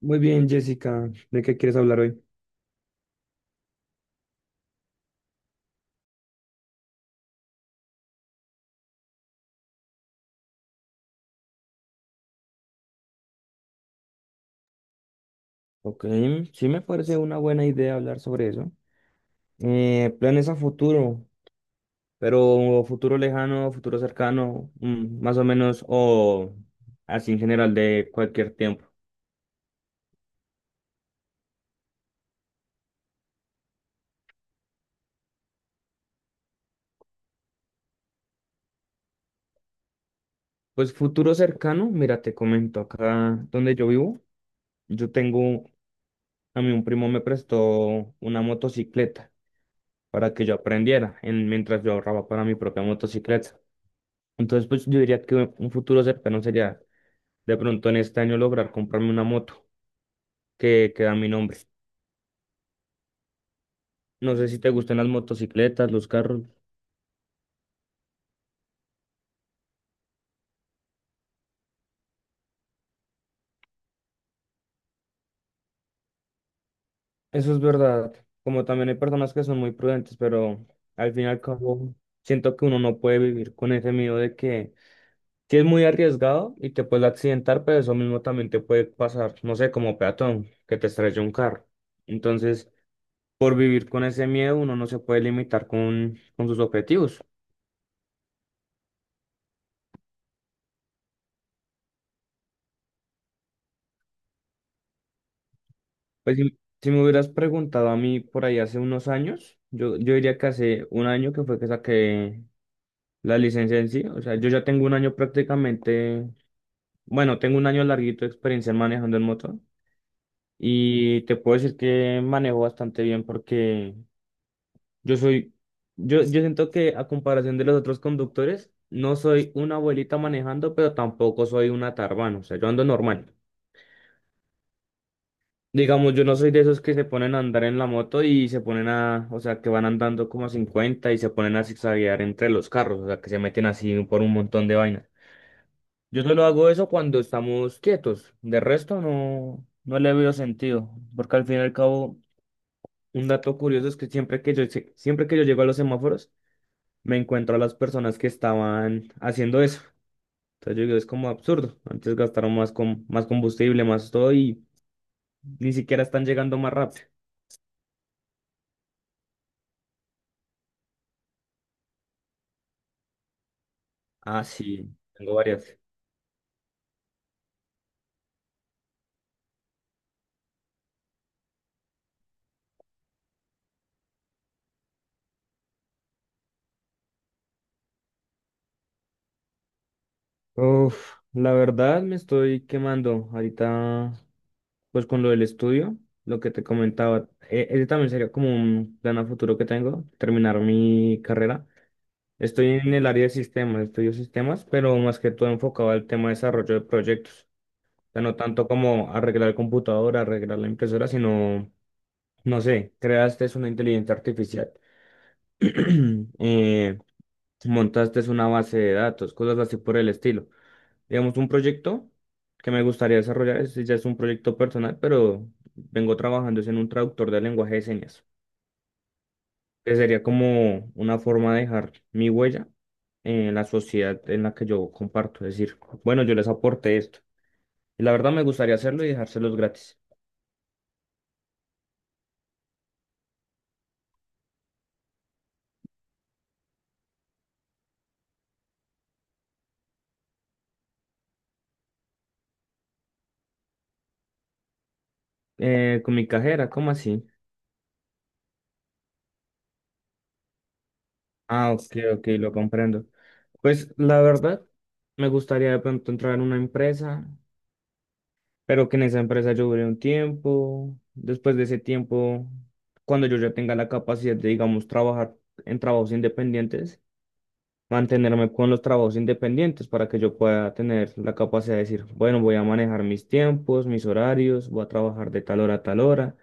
Muy bien, Jessica, ¿de qué quieres hablar hoy? Ok, sí me parece una buena idea hablar sobre eso. Planes a futuro, pero futuro lejano, futuro cercano, mm, más o menos, o así en general de cualquier tiempo. Pues futuro cercano, mira, te comento, acá donde yo vivo, yo tengo, a mí un primo me prestó una motocicleta para que yo aprendiera mientras yo ahorraba para mi propia motocicleta. Entonces, pues yo diría que un futuro cercano sería de pronto en este año lograr comprarme una moto que queda a mi nombre. No sé si te gustan las motocicletas, los carros. Eso es verdad. Como también hay personas que son muy prudentes, pero al fin y al cabo siento que uno no puede vivir con ese miedo de que si es muy arriesgado y te puedes accidentar, pero eso mismo también te puede pasar, no sé, como peatón, que te estrella un carro. Entonces, por vivir con ese miedo, uno no se puede limitar con sus objetivos. Pues si me hubieras preguntado a mí por ahí hace unos años, yo diría que hace un año que fue que saqué la licencia en sí. O sea, yo ya tengo un año prácticamente, bueno, tengo un año larguito de experiencia manejando el motor y te puedo decir que manejo bastante bien porque yo soy, yo siento que a comparación de los otros conductores, no soy una abuelita manejando, pero tampoco soy una tarbana, o sea, yo ando normal. Digamos, yo no soy de esos que se ponen a andar en la moto y se ponen a, o sea, que van andando como a 50 y se ponen a zigzaguear entre los carros, o sea, que se meten así por un montón de vainas. Yo solo hago eso cuando estamos quietos, de resto no, no le veo sentido, porque al fin y al cabo, un dato curioso es que siempre que yo llego a los semáforos, me encuentro a las personas que estaban haciendo eso. Entonces yo digo, es como absurdo, antes gastaron más, más combustible, más todo y ni siquiera están llegando más rápido. Ah, sí, tengo varias. Uf, la verdad me estoy quemando ahorita, pues con lo del estudio, lo que te comentaba, ese también sería como un plan a futuro que tengo, terminar mi carrera. Estoy en el área de sistemas, estudio sistemas, pero más que todo enfocado al tema de desarrollo de proyectos. O sea, no tanto como arreglar el computador, arreglar la impresora, sino, no sé, creaste una inteligencia artificial, eh, montaste una base de datos, cosas así por el estilo. Digamos, un proyecto que me gustaría desarrollar, ese ya es un proyecto personal, pero vengo trabajando es en un traductor de lenguaje de señas, que sería como una forma de dejar mi huella en la sociedad en la que yo comparto, es decir, bueno, yo les aporté esto. Y la verdad me gustaría hacerlo y dejárselos gratis. Con mi cajera, ¿cómo así? Ah, ok, ok, lo comprendo. Pues la verdad, me gustaría de pronto entrar en una empresa. Pero que en esa empresa yo duré un tiempo. Después de ese tiempo, cuando yo ya tenga la capacidad de, digamos, trabajar en trabajos independientes, mantenerme con los trabajos independientes para que yo pueda tener la capacidad de decir, bueno, voy a manejar mis tiempos, mis horarios, voy a trabajar de tal hora a tal hora,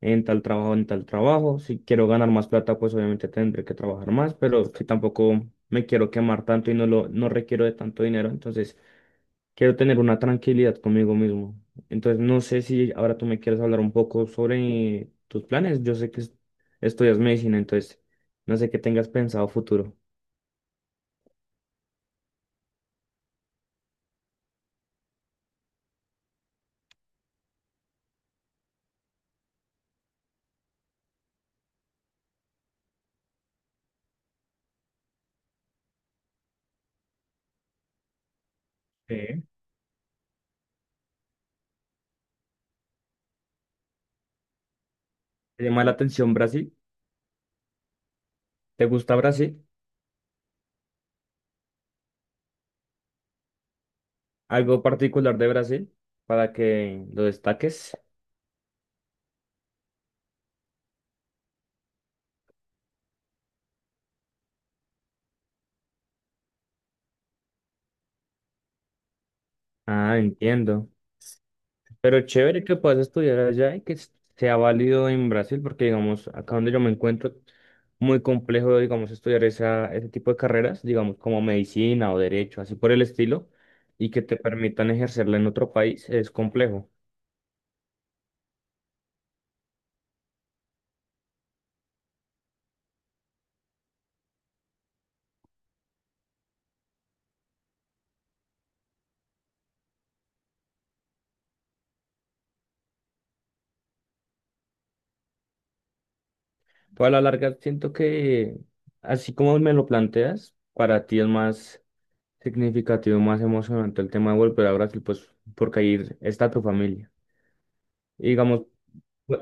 en tal trabajo, en tal trabajo. Si quiero ganar más plata, pues obviamente tendré que trabajar más, pero si tampoco me quiero quemar tanto y no requiero de tanto dinero, entonces quiero tener una tranquilidad conmigo mismo. Entonces, no sé si ahora tú me quieres hablar un poco sobre tus planes. Yo sé que estudias medicina, entonces no sé qué tengas pensado futuro. Sí. ¿Te llama la atención Brasil? ¿Te gusta Brasil? ¿Algo particular de Brasil para que lo destaques? Ah, entiendo. Pero chévere que puedas estudiar allá y que sea válido en Brasil, porque digamos, acá donde yo me encuentro, muy complejo, digamos, estudiar esa, ese tipo de carreras, digamos, como medicina o derecho, así por el estilo, y que te permitan ejercerla en otro país, es complejo. Pero a la larga siento que, así como me lo planteas, para ti es más significativo, más emocionante el tema de volver a Brasil, pues porque ahí está tu familia. Y digamos, bu-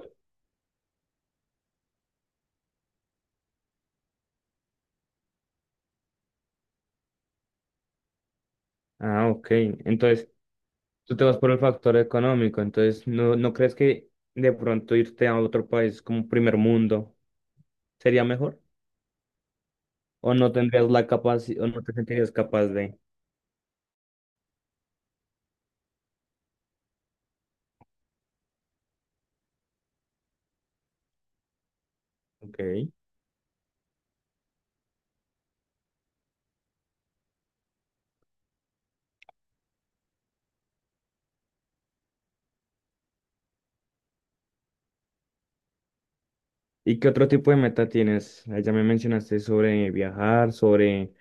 ah, ok, entonces... tú te vas por el factor económico, entonces no crees que de pronto irte a otro país como primer mundo sería mejor? ¿O no tendrías la capacidad, o no te sentirías capaz de? Ok. ¿Y qué otro tipo de meta tienes? Ah, ya me mencionaste sobre viajar, sobre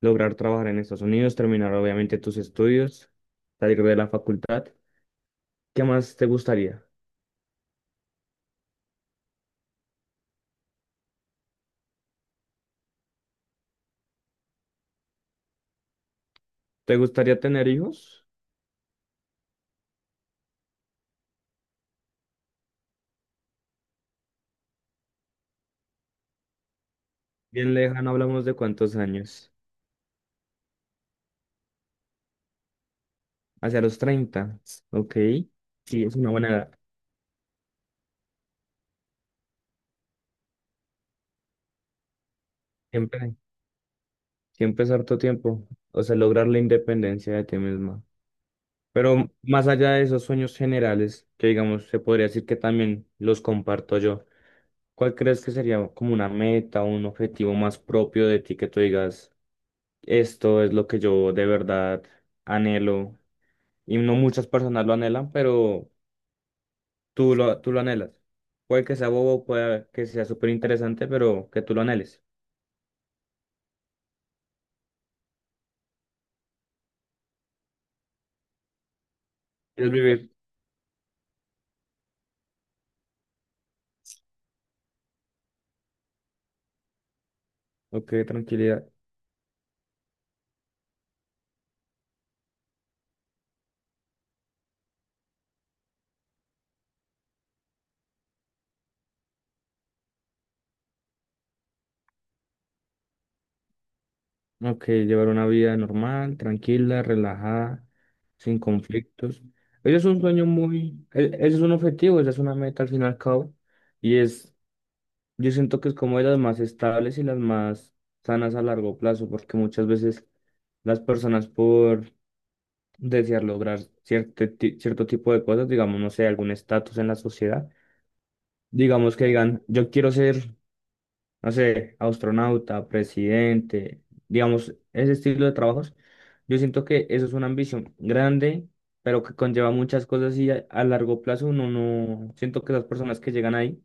lograr trabajar en Estados Unidos, terminar obviamente tus estudios, salir de la facultad. ¿Qué más te gustaría? ¿Te gustaría tener hijos? Bien lejano, hablamos de cuántos años. Hacia los 30. Ok. Sí, es una buena edad. Siempre. Siempre es harto tiempo, o sea, lograr la independencia de ti misma. Pero más allá de esos sueños generales, que digamos, se podría decir que también los comparto yo, ¿cuál crees que sería como una meta o un objetivo más propio de ti que tú digas, esto es lo que yo de verdad anhelo? Y no muchas personas lo anhelan, pero tú lo anhelas. Puede que sea bobo, puede que sea súper interesante, pero que tú lo anheles. Es vivir. Ok, tranquilidad. Ok, llevar una vida normal, tranquila, relajada, sin conflictos. Ese es un sueño ese es un objetivo, esa es una meta al fin y al cabo. Y es, yo siento que es como de las más estables y las más sanas a largo plazo, porque muchas veces las personas por desear lograr cierto tipo de cosas, digamos, no sé, algún estatus en la sociedad, digamos que digan, yo quiero ser no sé, astronauta, presidente, digamos, ese estilo de trabajos, yo siento que eso es una ambición grande, pero que conlleva muchas cosas y a largo plazo uno no, siento que las personas que llegan ahí,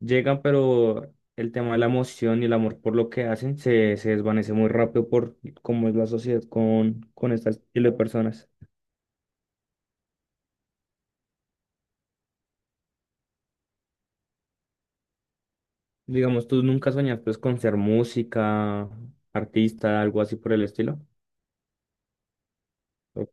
llegan, pero el tema de la emoción y el amor por lo que hacen se desvanece muy rápido por cómo es la sociedad con este estilo de personas. Digamos, tú nunca soñaste pues, con ser música, artista, algo así por el estilo. Ok.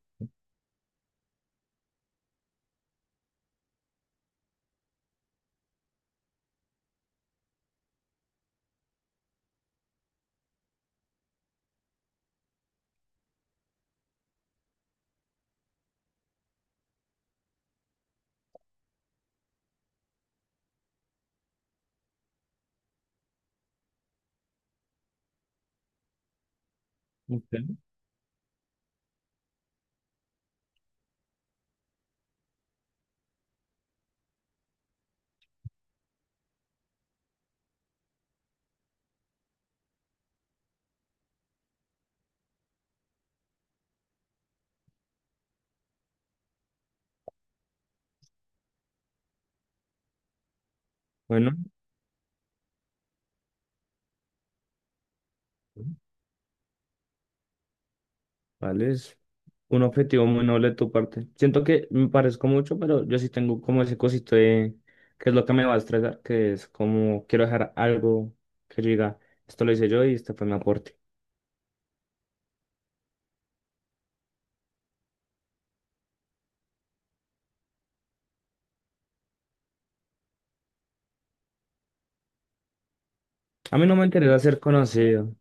Bueno. ¿Vale? Es un objetivo muy noble de tu parte. Siento que me parezco mucho, pero yo sí tengo como ese cosito de que es lo que me va a estresar, que es como quiero dejar algo que yo diga, esto lo hice yo y este fue mi aporte. A mí no me interesa ser conocido.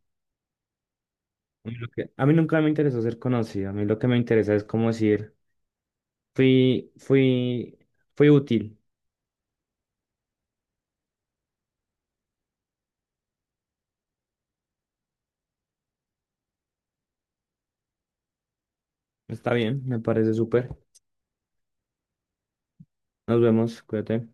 A mí, a mí nunca me interesó ser conocido. A mí lo que me interesa es como decir, fui, fui, fui útil. Está bien, me parece súper. Nos vemos, cuídate.